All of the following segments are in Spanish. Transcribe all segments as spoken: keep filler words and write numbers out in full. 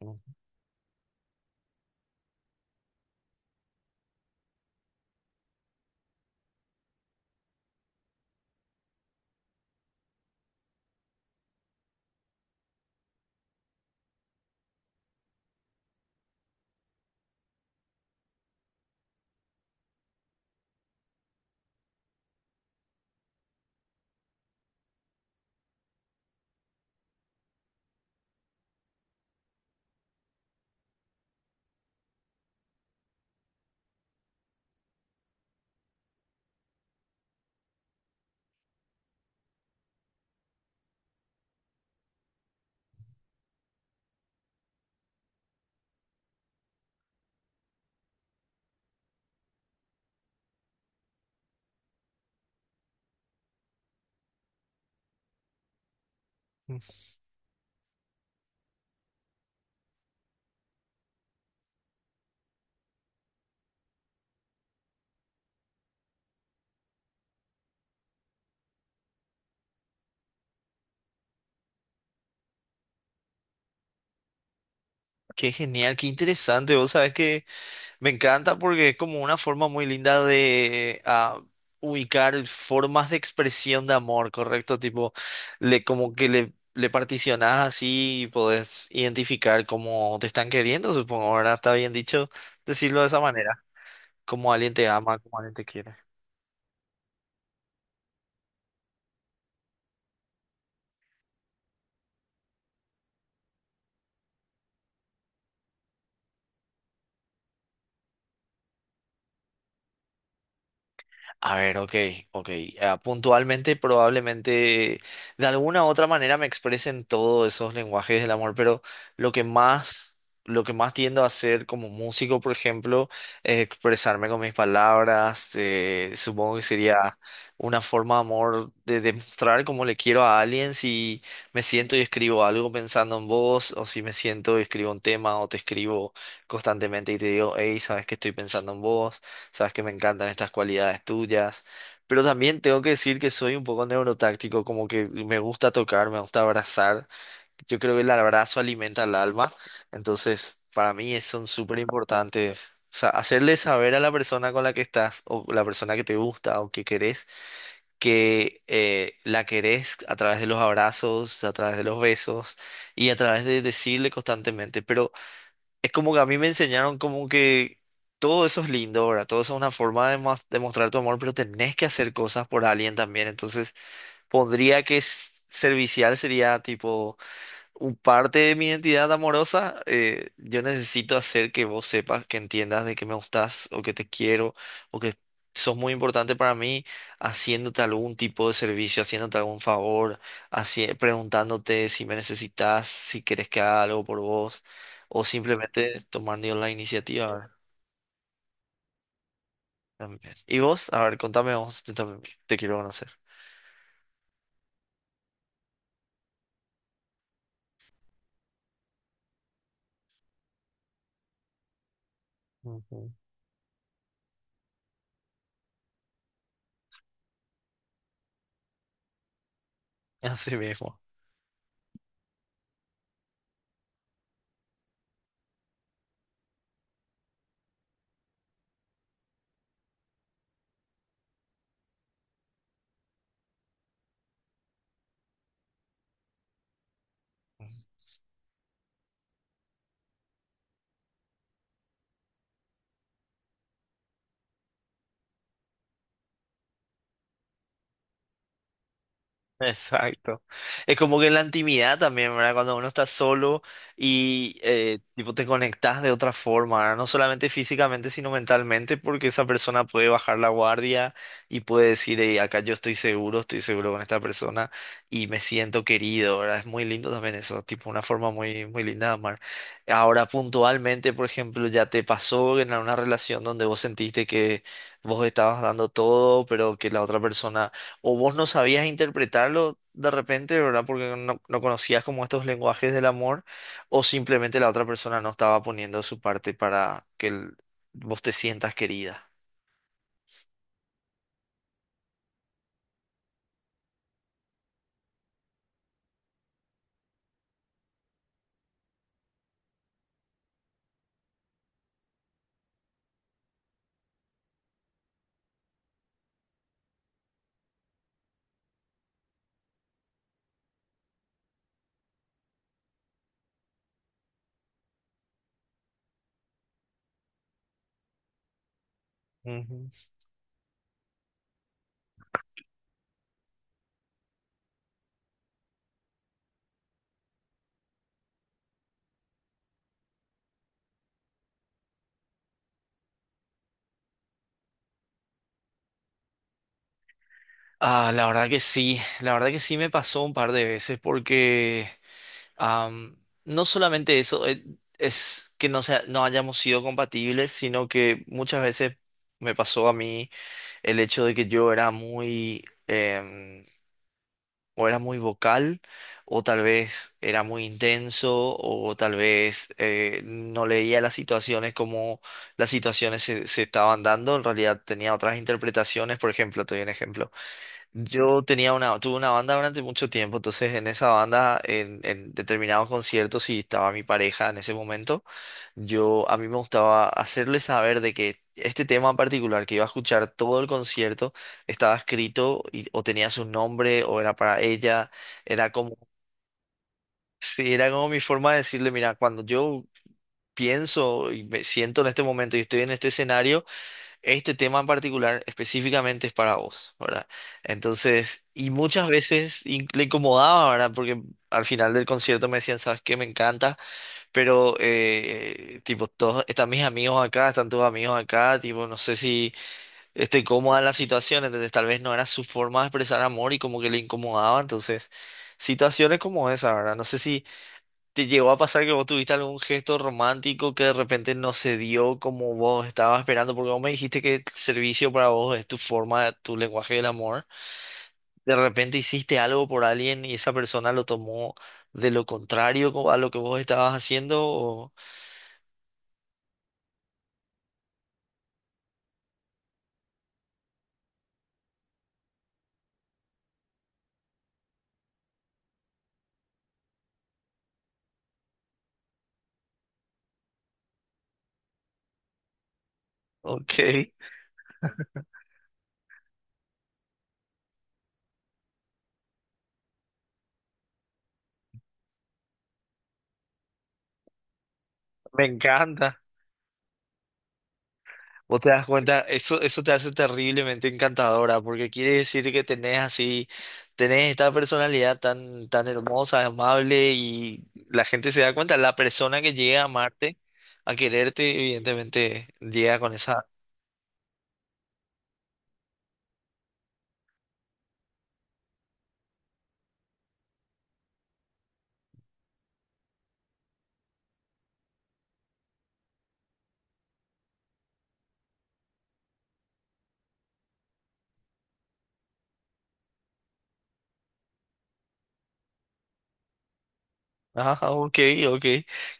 Ujú. Qué genial, qué interesante. Vos sabés que me encanta porque es como una forma muy linda de ah, ubicar formas de expresión de amor, ¿correcto? Tipo, le, como que le, le particionás así y podés identificar cómo te están queriendo, supongo. Ahora, ¿está bien dicho decirlo de esa manera, como alguien te ama, como alguien te quiere? A ver, ok, ok. Ah, puntualmente, probablemente de alguna u otra manera me expresen todos esos lenguajes del amor, pero lo que más, lo que más tiendo a hacer como músico, por ejemplo, es expresarme con mis palabras. Eh, supongo que sería una forma de amor, de demostrar cómo le quiero a alguien, si me siento y escribo algo pensando en vos, o si me siento y escribo un tema, o te escribo constantemente y te digo, hey, sabes que estoy pensando en vos. Sabes que me encantan estas cualidades tuyas, pero también tengo que decir que soy un poco neurotáctico, como que me gusta tocar, me gusta abrazar. Yo creo que el abrazo alimenta el alma, entonces para mí es- son súper importantes. O sea, hacerle saber a la persona con la que estás, o la persona que te gusta o que querés, que eh, la querés, a través de los abrazos, a través de los besos y a través de decirle constantemente. Pero es como que a mí me enseñaron como que todo eso es lindo, ¿verdad? Todo eso es una forma de mos- de mostrar tu amor, pero tenés que hacer cosas por alguien también. Entonces, pondría que s- servicial sería tipo un parte de mi identidad amorosa. Eh, yo necesito hacer que vos sepas, que entiendas de que me gustás o que te quiero o que sos muy importante para mí, haciéndote algún tipo de servicio, haciéndote algún favor, haci- preguntándote si me necesitas, si querés que haga algo por vos, o simplemente tomando yo la iniciativa, ¿verdad? También. Y vos, a ver, contame vos, yo también te quiero conocer. Ujú. Así mismo. Exacto. Es como que la intimidad también, ¿verdad? Cuando uno está solo y eh, tipo, te conectas de otra forma, ¿verdad? No solamente físicamente, sino mentalmente, porque esa persona puede bajar la guardia y puede decir, "Ey, acá yo estoy seguro, estoy seguro con esta persona y me siento querido", ¿verdad? Es muy lindo también eso, tipo una forma muy, muy linda de amar. Ahora, puntualmente, por ejemplo, ¿ya te pasó en una relación donde vos sentiste que vos estabas dando todo, pero que la otra persona, o vos no sabías interpretarlo de repente, ¿verdad?, porque no, no conocías como estos lenguajes del amor, o simplemente la otra persona no estaba poniendo de su parte para que el- vos te sientas querida? Ujú. Ah, la verdad que sí, la verdad que sí, me pasó un par de veces porque am, no solamente eso. Eh, es que no, sea, no hayamos sido compatibles, sino que muchas veces me pasó a mí el hecho de que yo era muy... em, o era muy vocal, o tal vez era muy intenso, o tal vez, eh, no leía las situaciones como las situaciones se, se estaban dando. En realidad tenía otras interpretaciones. Por ejemplo, te doy un ejemplo. Yo tenía una, tuve una banda durante mucho tiempo, entonces en esa banda, en, en determinados conciertos, si estaba mi pareja en ese momento, yo a mí me gustaba hacerle saber de que este tema en particular que iba a escuchar todo el concierto estaba escrito, y o tenía su nombre o era para ella. Era como... sí, era como mi forma de decirle, mira, cuando yo pienso y me siento en este momento y estoy en este escenario, este tema en particular específicamente es para vos, ¿verdad? Entonces, y muchas veces in- le incomodaba, ¿verdad? Porque al final del concierto me decían, ¿sabes qué? Me encanta, pero, eh, tipo, todos, están mis amigos acá, están tus amigos acá, tipo, no sé si estoy cómoda en la situación. Entonces tal vez no era su forma de expresar amor y como que le incomodaba. Entonces, situaciones como esa, ¿verdad? No sé si... ¿Te llegó a pasar que vos tuviste algún gesto romántico que de repente no se dio como vos estabas esperando? Porque vos me dijiste que el servicio para vos es tu forma, tu lenguaje del amor. De repente hiciste algo por alguien y esa persona lo tomó de lo contrario co- a lo que vos estabas haciendo. O- Ok. Me encanta. Vos te das cuenta, eso, eso te hace terriblemente encantadora, porque quiere decir que tenés así, tenés esta personalidad tan, tan hermosa, amable, y la gente se da cuenta. La persona que llega a amarte, a quererte, evidentemente llega con esa... Ajá, ok, ok.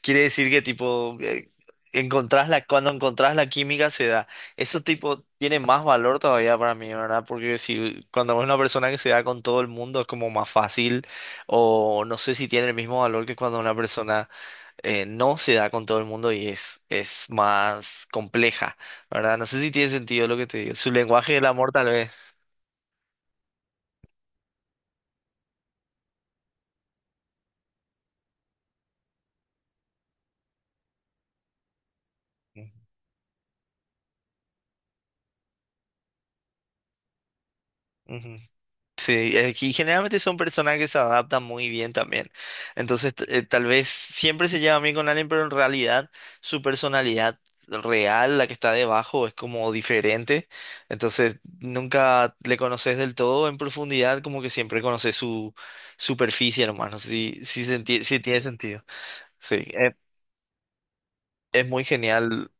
Quiere decir que tipo, eh, encontrás la, cuando encontrás la química, se da. Eso tipo tiene más valor todavía para mí, ¿verdad? Porque si cuando es una persona que se da con todo el mundo es como más fácil, o no sé si tiene el mismo valor que cuando una persona, eh, no se da con todo el mundo y es, es más compleja, ¿verdad? No sé si tiene sentido lo que te digo. Su lenguaje del amor, tal vez. Ujú. Sí, es, generalmente son personas que se adaptan muy bien también. Entonces, t- eh, tal vez siempre se lleva bien con alguien, pero en realidad su personalidad real, la que está debajo, es como diferente. Entonces, nunca le conoces del todo en profundidad, como que siempre conoces su superficie, hermano. Sí, sí, senti- sí tiene sentido. Sí, es, es muy genial.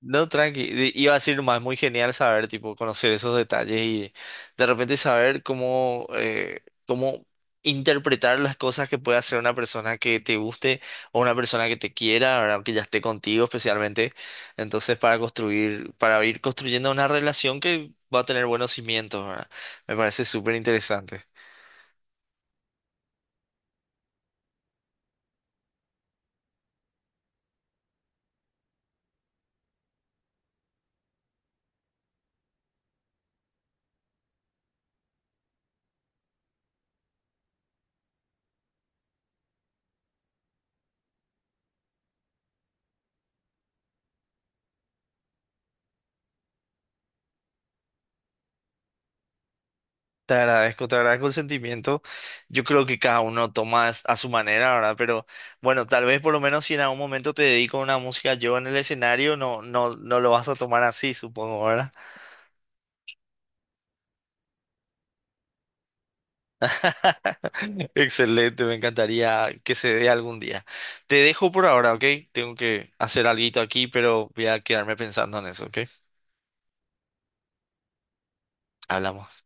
No, tranqui. de- Iba a decir más, muy genial saber, tipo, conocer esos detalles y de repente saber cómo, eh, cómo interpretar las cosas que puede hacer una persona que te guste o una persona que te quiera, ¿verdad? Que ya esté contigo especialmente. Entonces, para construir, para ir construyendo una relación que va a tener buenos cimientos, ¿verdad? Me parece súper interesante. Te agradezco, te agradezco el sentimiento. Yo creo que cada uno toma as- a su manera, ¿verdad? Pero bueno, tal vez por lo menos si en algún momento te dedico a una música yo en el escenario, no, no, no lo vas a tomar así, supongo, ¿verdad? Excelente, me encantaría que se dé algún día. Te dejo por ahora, ¿ok? Tengo que hacer alguito aquí, pero voy a quedarme pensando en eso, ¿ok? Hablamos.